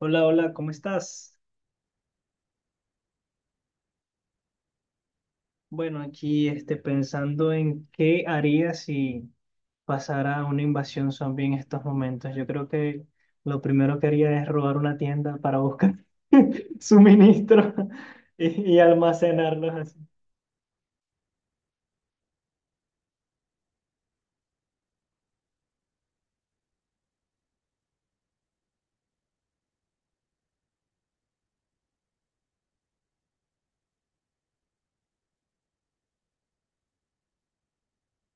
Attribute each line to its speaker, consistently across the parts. Speaker 1: Hola, hola, ¿cómo estás? Bueno, aquí pensando en qué haría si pasara una invasión zombie en estos momentos. Yo creo que lo primero que haría es robar una tienda para buscar suministros y almacenarlos así.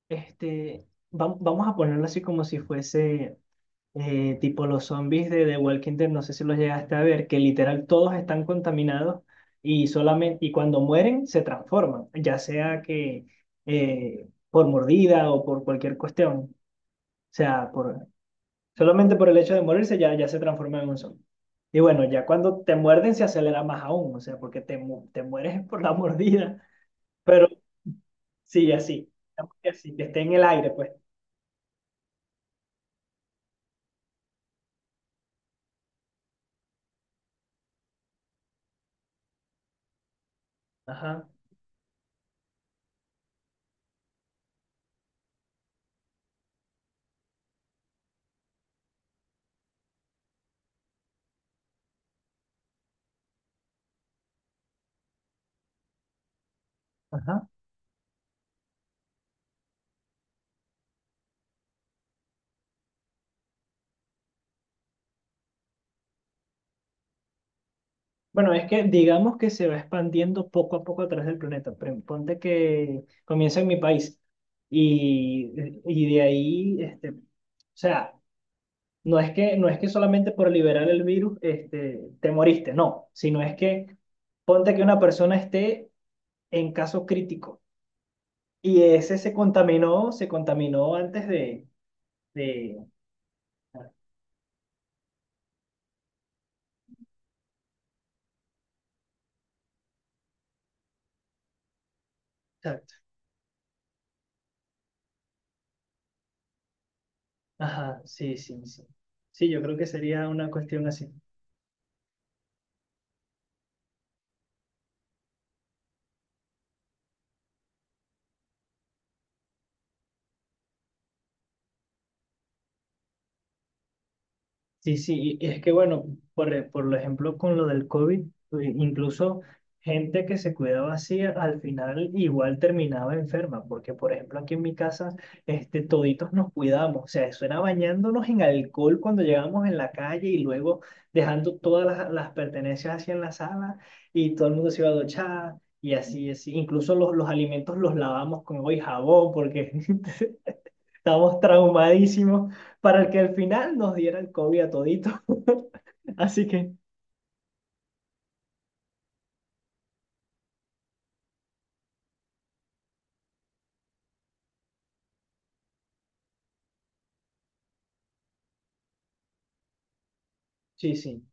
Speaker 1: Vamos a ponerlo así como si fuese tipo los zombies de The Walking Dead, no sé si los llegaste a ver, que literal todos están contaminados y solamente y cuando mueren se transforman, ya sea que por mordida o por cualquier cuestión, o sea, por, solamente por el hecho de morirse ya se transforman en un zombie. Y bueno, ya cuando te muerden se acelera más aún, o sea, porque te mueres por la mordida, pero sí, así, digamos que así, que esté en el aire, pues. Ajá, ajá. Bueno, es que digamos que se va expandiendo poco a poco a través del planeta. Ponte que comienza en mi país y, y de ahí, o sea, no es que solamente por liberar el virus este, te moriste, no, sino es que ponte que una persona esté en caso crítico y ese se contaminó antes de... Exacto. Ajá, sí, sí, sí. Sí, yo creo que sería una cuestión así. Sí, sí, y es que bueno, por lo ejemplo con lo del COVID, incluso gente que se cuidaba así al final igual terminaba enferma, porque por ejemplo aquí en mi casa, toditos nos cuidamos, o sea, eso era bañándonos en alcohol cuando llegábamos en la calle y luego dejando todas las pertenencias así en la sala y todo el mundo se iba a duchar y así, así, incluso los alimentos los lavamos con agua y jabón porque estábamos traumadísimos para el que al final nos diera el COVID a todito. Así que sí, sí,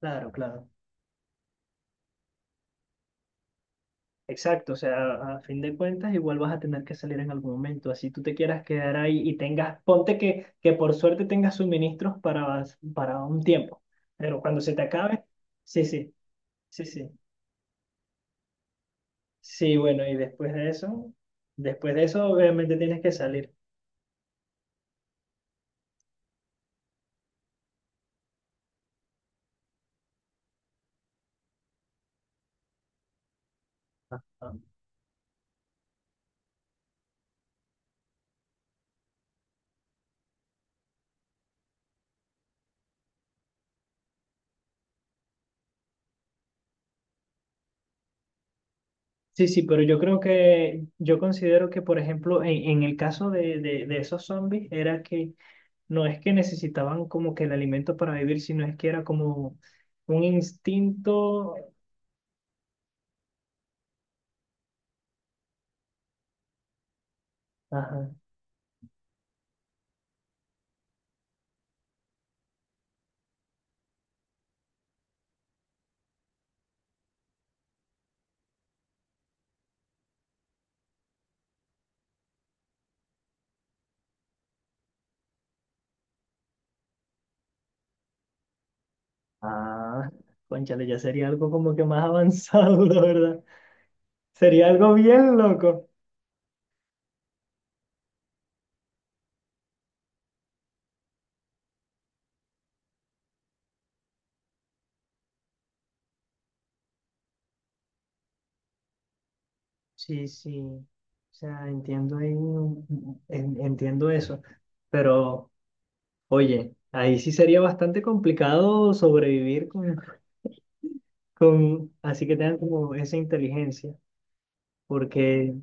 Speaker 1: claro, claro. Exacto, o sea, a fin de cuentas igual vas a tener que salir en algún momento, así tú te quieras quedar ahí y tengas, ponte que por suerte tengas suministros para un tiempo, pero cuando se te acabe, sí, sí, sí, sí, sí, bueno, y después de eso obviamente tienes que salir. Ah. Sí, sí, pero yo creo que, yo considero que, por ejemplo, en el caso de esos zombies, era que no es que necesitaban como que el alimento para vivir, sino es que era como un instinto. Ajá. Ah, cónchale, ya sería algo como que más avanzado, la verdad. Sería algo bien loco. Sí, sí. O sea, entiendo ahí entiendo eso. Pero, oye, ahí sí sería bastante complicado sobrevivir con, así que tengan como esa inteligencia, porque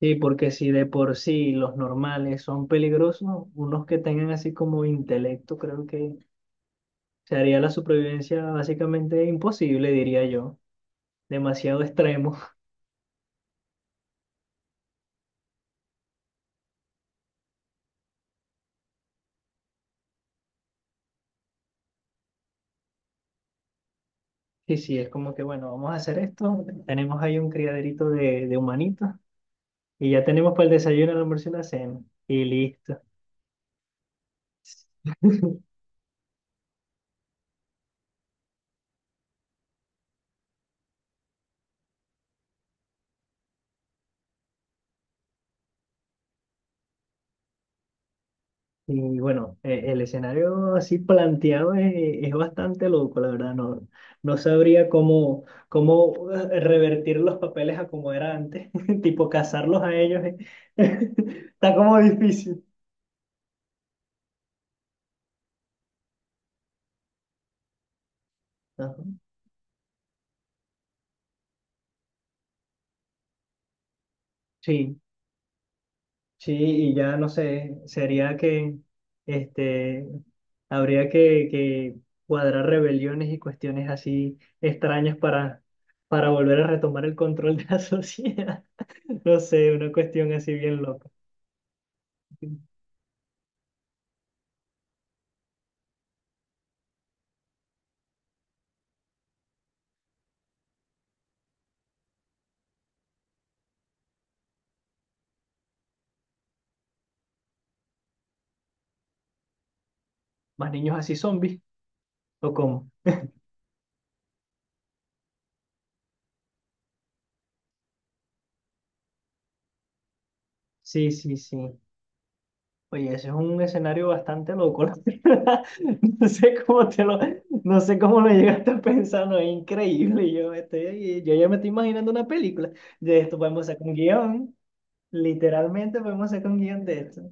Speaker 1: sí, porque si de por sí los normales son peligrosos, unos que tengan así como intelecto, creo que se haría la supervivencia básicamente imposible, diría yo, demasiado extremo. Y sí, es como que bueno, vamos a hacer esto, tenemos ahí un criaderito de humanitos y ya tenemos para el desayuno, el almuerzo y la cena, y listo. Y bueno, el escenario así planteado es bastante loco, la verdad. No, no sabría cómo, cómo revertir los papeles a como era antes, tipo casarlos a ellos. Está como difícil. Ajá. Sí, sí, y ya no sé, sería que este, habría que cuadrar rebeliones y cuestiones así extrañas para volver a retomar el control de la sociedad. No sé, una cuestión así bien loca. Más niños así zombies, ¿o cómo? Sí, sí, sí. Oye, ese es un escenario bastante loco, la verdad. No sé cómo te lo, no sé cómo lo llegaste a pensar, no, es increíble. Yo, me estoy, yo ya me estoy imaginando una película de esto. Podemos sacar un guión, literalmente podemos sacar un guión de esto.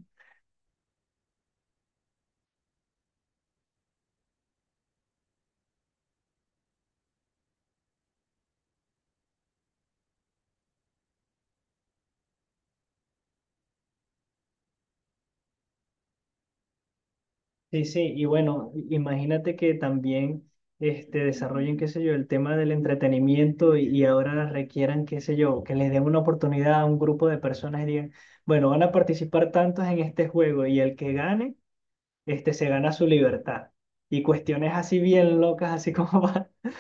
Speaker 1: Sí, sí, y bueno, imagínate que también desarrollen, qué sé yo, el tema del entretenimiento y ahora requieran, qué sé yo, que les den una oportunidad a un grupo de personas y digan, bueno, van a participar tantos en este juego y el que gane, se gana su libertad. Y cuestiones así bien locas, así como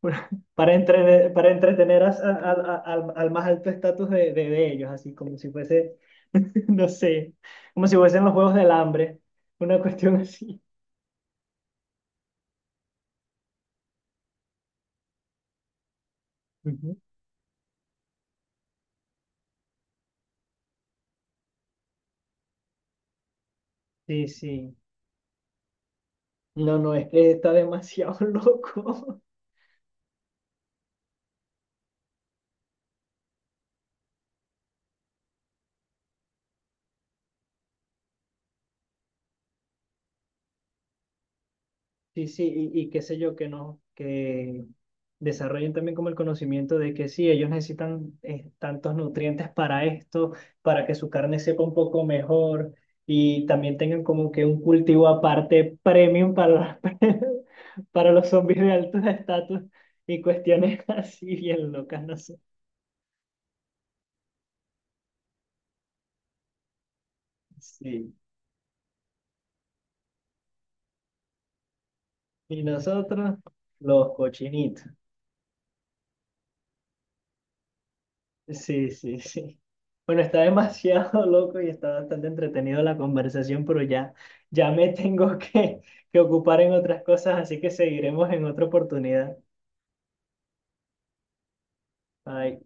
Speaker 1: para, para entretener al más alto estatus de, de ellos, así como si fuese, no sé, como si fuesen los juegos del hambre, una cuestión así. Sí, sí. No, no, es que está demasiado loco. Sí, sí, y qué sé yo, que no, que desarrollen también como el conocimiento de que sí, ellos necesitan tantos nutrientes para esto, para que su carne sepa un poco mejor y también tengan como que un cultivo aparte premium para, para los zombies de alto estatus y cuestiones así bien locas, no sé. Sí. Y nosotros, los cochinitos. Sí, sí, sí. Bueno, está demasiado loco y está bastante entretenido la conversación, pero ya, ya me tengo que ocupar en otras cosas, así que seguiremos en otra oportunidad. Bye.